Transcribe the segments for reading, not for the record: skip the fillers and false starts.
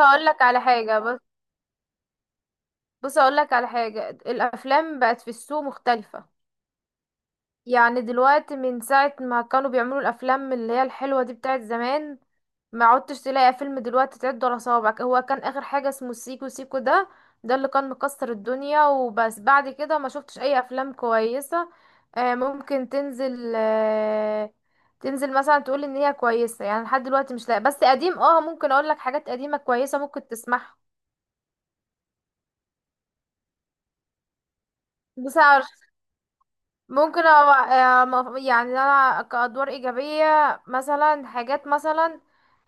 اقول لك على حاجه بص بص، اقول لك على حاجه، الافلام بقت في السوق مختلفه. يعني دلوقتي من ساعه ما كانوا بيعملوا الافلام اللي هي الحلوه دي بتاعت زمان، ما عدتش تلاقي فيلم دلوقتي تعد على صوابعك. هو كان اخر حاجه اسمه سيكو سيكو ده، ده اللي كان مكسر الدنيا وبس. بعد كده ما شفتش اي افلام كويسه. ممكن تنزل مثلا تقول ان هي كويسه، يعني لحد دلوقتي مش لاقي. بس قديم، ممكن اقول لك حاجات قديمه كويسه ممكن تسمعها. بس ممكن يعني انا كأدوار إيجابية، مثلا حاجات مثلا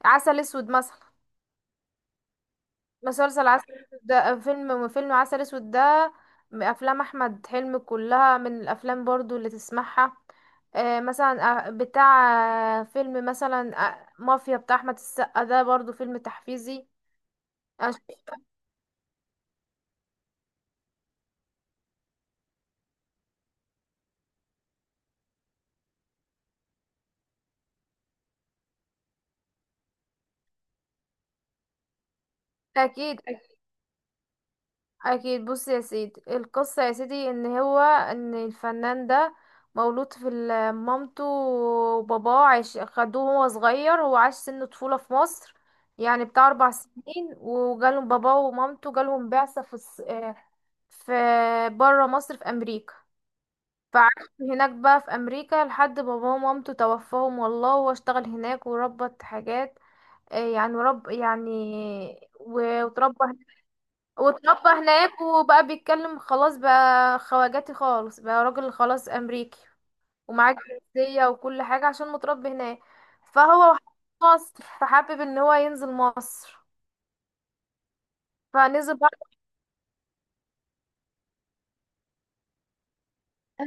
عسل اسود مثلا. مسلسل عسل اسود ده، فيلم عسل اسود ده من افلام احمد حلمي، كلها من الافلام برضو اللي تسمعها. مثلا، بتاع، فيلم مثلا، مافيا بتاع احمد السقا ده برضو فيلم تحفيزي. أنا شفت- اكيد اكيد، بص يا سيدي، القصه يا سيدي ان الفنان ده مولود في مامته وباباه عاش، خدوه وهو صغير، هو عاش سن طفوله في مصر، يعني بتاع 4 سنين. وجالهم باباه ومامته، جالهم بعثه في في بره مصر، في امريكا. فعاش هناك بقى في امريكا، لحد باباه ومامته توفاهم والله، وهو اشتغل هناك وربط حاجات، يعني وتربى، واتربى هناك، وبقى بيتكلم خلاص، بقى خواجاتي خالص، بقى راجل خلاص امريكي، ومعاه جنسية وكل حاجة عشان متربي هناك. فهو مصر، فحابب ان هو ينزل مصر. فنزل بقى،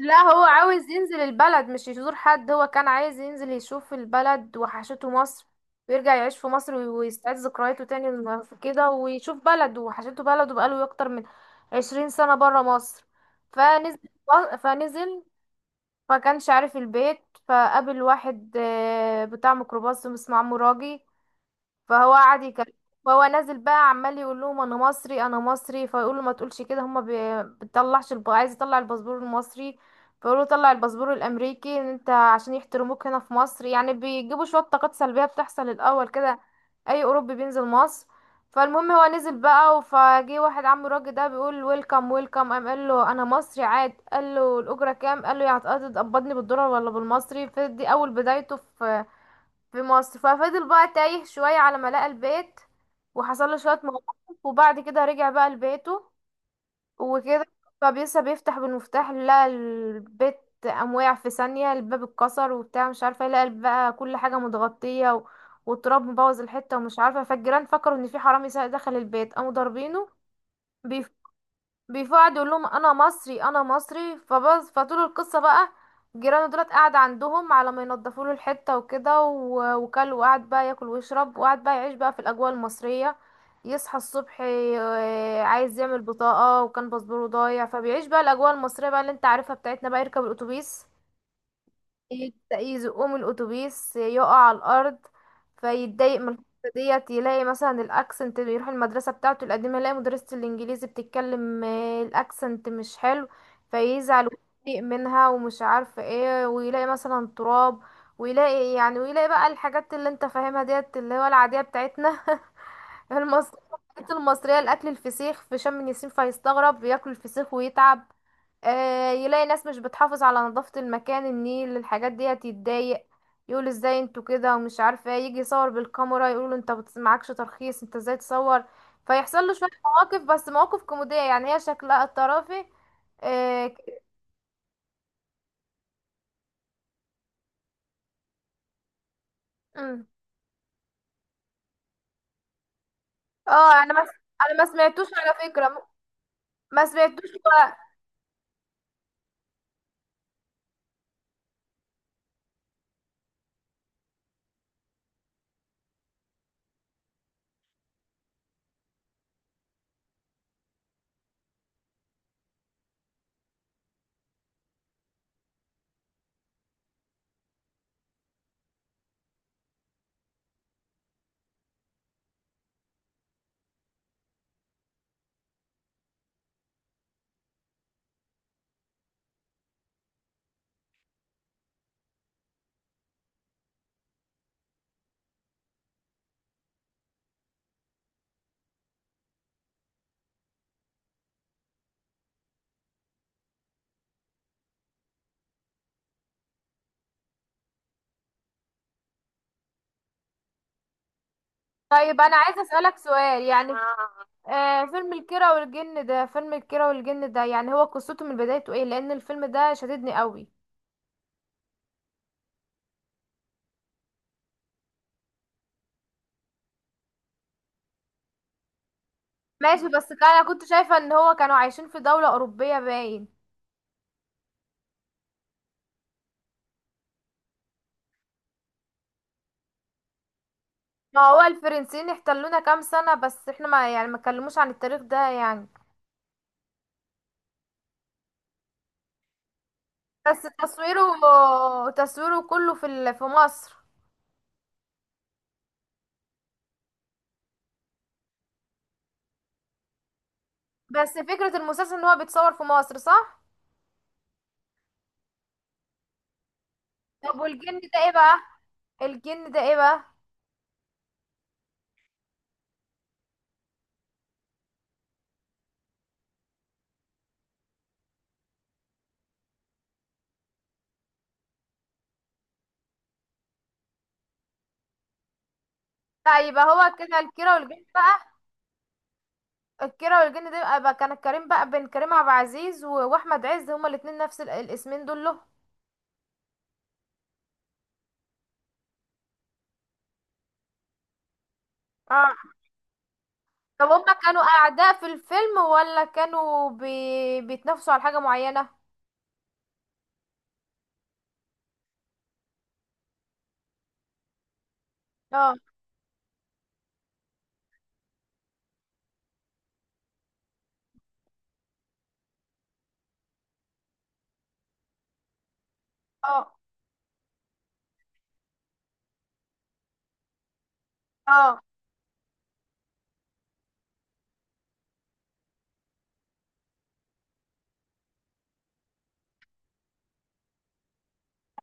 لا هو عاوز ينزل البلد مش يزور حد، هو كان عايز ينزل يشوف البلد، وحشته مصر، ويرجع يعيش في مصر، ويستعيد ذكرياته تاني كده، ويشوف بلده، وحشته بلده، بقاله اكتر من 20 سنة برا مصر. فنزل فنزل، فكانش عارف البيت، فقابل واحد بتاع ميكروباص اسمه عمو راجي، فهو قعد يكلم. فهو نازل بقى عمال يقول لهم انا مصري انا مصري، فيقولوا ما تقولش كده، هما عايز يطلع الباسبور المصري، فيقولوا طلع الباسبور الامريكي ان انت عشان يحترموك هنا في مصر. يعني بيجيبوا شويه طاقات سلبيه بتحصل الاول كده، اي اوروبي بينزل مصر. فالمهم هو نزل بقى، فجه واحد عم الراجل ده بيقول ويلكم ويلكم، قام قال له انا مصري، عاد قال له الاجره كام، قال له يعني هتقبضني بالدولار ولا بالمصري. فدي اول بدايته في مصر، ففضل بقى تايه شوية على ما لقى البيت، وحصل له شوية مواقف، وبعد كده رجع بقى لبيته وكده. فبيسا بيفتح بالمفتاح، لقى البيت، قام وقع في ثانية، الباب اتكسر وبتاع مش عارفة ايه، لقى بقى كل حاجة متغطية والتراب مبوظ الحتة ومش عارفة. فالجيران فكروا ان في حرامي دخل البيت، قاموا ضاربينه، بيفقعد يقول لهم انا مصري انا مصري فبس. فطول القصه بقى جيرانه دولت قاعد عندهم على ما ينضفوا له الحته وكده و- وكل وقعد بقى ياكل ويشرب، وقعد بقى يعيش بقى في الاجواء المصريه. يصحى الصبح عايز يعمل بطاقه، وكان باسبوره ضايع. فبيعيش بقى الاجواء المصريه بقى اللي انت عارفها بتاعتنا بقى، يركب الاتوبيس، يبدأ يزقوه من الأتوبيس، يقع على الأرض، فيتضايق من الحتة ديت. يلاقي مثلا الأكسنت، بيروح المدرسة بتاعته القديمة، يلاقي مدرسة الإنجليزي بتتكلم، الأكسنت مش حلو، فيزعل ويضايق منها ومش عارفة ايه. ويلاقي مثلا تراب، ويلاقي يعني، ويلاقي بقى الحاجات اللي انت فاهمها ديت اللي هو العادية بتاعتنا المصرية، الحاجات المصرية، الأكل، الفسيخ في شم النسيم، فيستغرب بياكل الفسيخ ويتعب. يلاقي ناس مش بتحافظ على نظافة المكان، النيل، الحاجات ديت، يتضايق، يقول ازاي انتوا كده ومش عارفة ايه، يجي يصور بالكاميرا، يقولوا انت معكش ترخيص، انت ازاي تصور. فيحصل له شوية مواقف، بس مواقف كوميدية، يعني هي شكلها الطرافي. اه ك- مم. اه، انا ما انا ما سمعتوش على فكرة، ما سمعتوش. طيب انا عايزة اسألك سؤال يعني، آه، فيلم الكيرة والجن ده، فيلم الكيرة والجن ده يعني هو قصته من بدايته ايه؟ لان الفيلم ده شددني قوي. ماشي، انا كنت شايفة ان هو كانوا عايشين في دولة اوروبية باين. ما هو الفرنسيين احتلونا كام سنة بس احنا ما يعني ما اتكلموش عن التاريخ ده يعني. بس تصويره كله في في مصر، بس فكرة المسلسل ان هو بيتصور في مصر، صح؟ طب والجن ده ايه بقى؟ الجن ده ايه بقى؟ لا يبقى هو كده الكيرة والجن بقى. الكيرة والجن ده يبقى بقى كان كريم بقى بين كريم عبد العزيز واحمد عز، هما الاتنين نفس الاسمين دول له. اه، طب هما كانوا أعداء في الفيلم ولا كانوا بيتنافسوا على حاجة معينة؟ اه، اه، اه،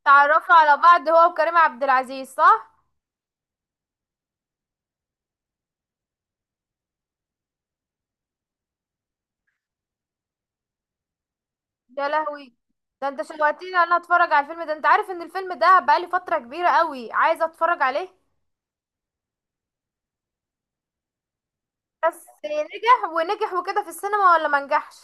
اتعرفوا على بعض هو وكريم عبد العزيز، صح؟ يا لهوي، ده انت شوقتني انا اتفرج على الفيلم ده، انت عارف ان الفيلم ده بقالي فترة كبيرة قوي عايزة اتفرج عليه. بس نجح ونجح وكده في السينما ولا ما نجحش؟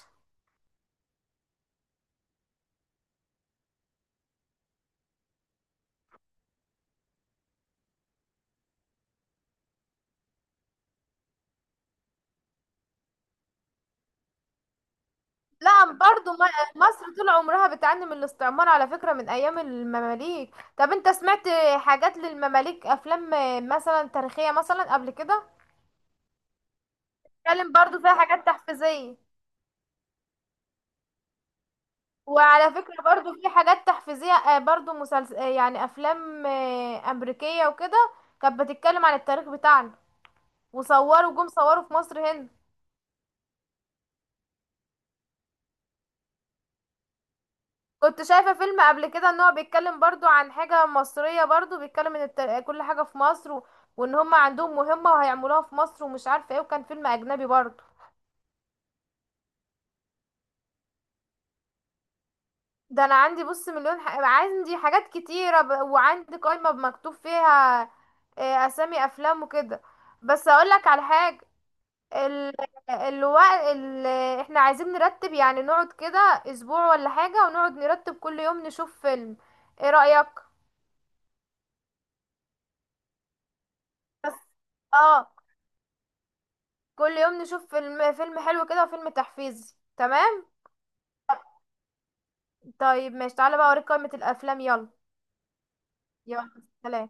لا، برضو مصر طول عمرها بتعاني من الاستعمار على فكرة من ايام المماليك. طب انت سمعت حاجات للمماليك، افلام مثلا تاريخية مثلا قبل كده بتتكلم برضو فيها حاجات تحفيزية؟ وعلى فكرة برضو في حاجات تحفيزية، برضو مسلسل، يعني أفلام، أمريكية وكده، كانت بتتكلم عن التاريخ بتاعنا، وصوروا جم صوروا في مصر هنا. كنت شايفة فيلم قبل كده ان هو بيتكلم برضو عن حاجة مصرية، برضو بيتكلم ان كل حاجة في مصر وان هم عندهم مهمة وهيعملوها في مصر ومش عارفة ايه، وكان فيلم أجنبي برضو. ده انا عندي بص مليون عندي حاجات كتيرة، وعندي قائمة مكتوب فيها، اسامي افلام وكده. بس اقولك على حاجة، ال... الوقت ال... احنا عايزين نرتب يعني، نقعد كده اسبوع ولا حاجة، ونقعد نرتب كل يوم نشوف فيلم، ايه رأيك؟ اه، كل يوم نشوف فيلم، فيلم حلو كده وفيلم تحفيزي، تمام. طيب ماشي، تعالى بقى اوريك قائمة الافلام، يلا. يلا، سلام.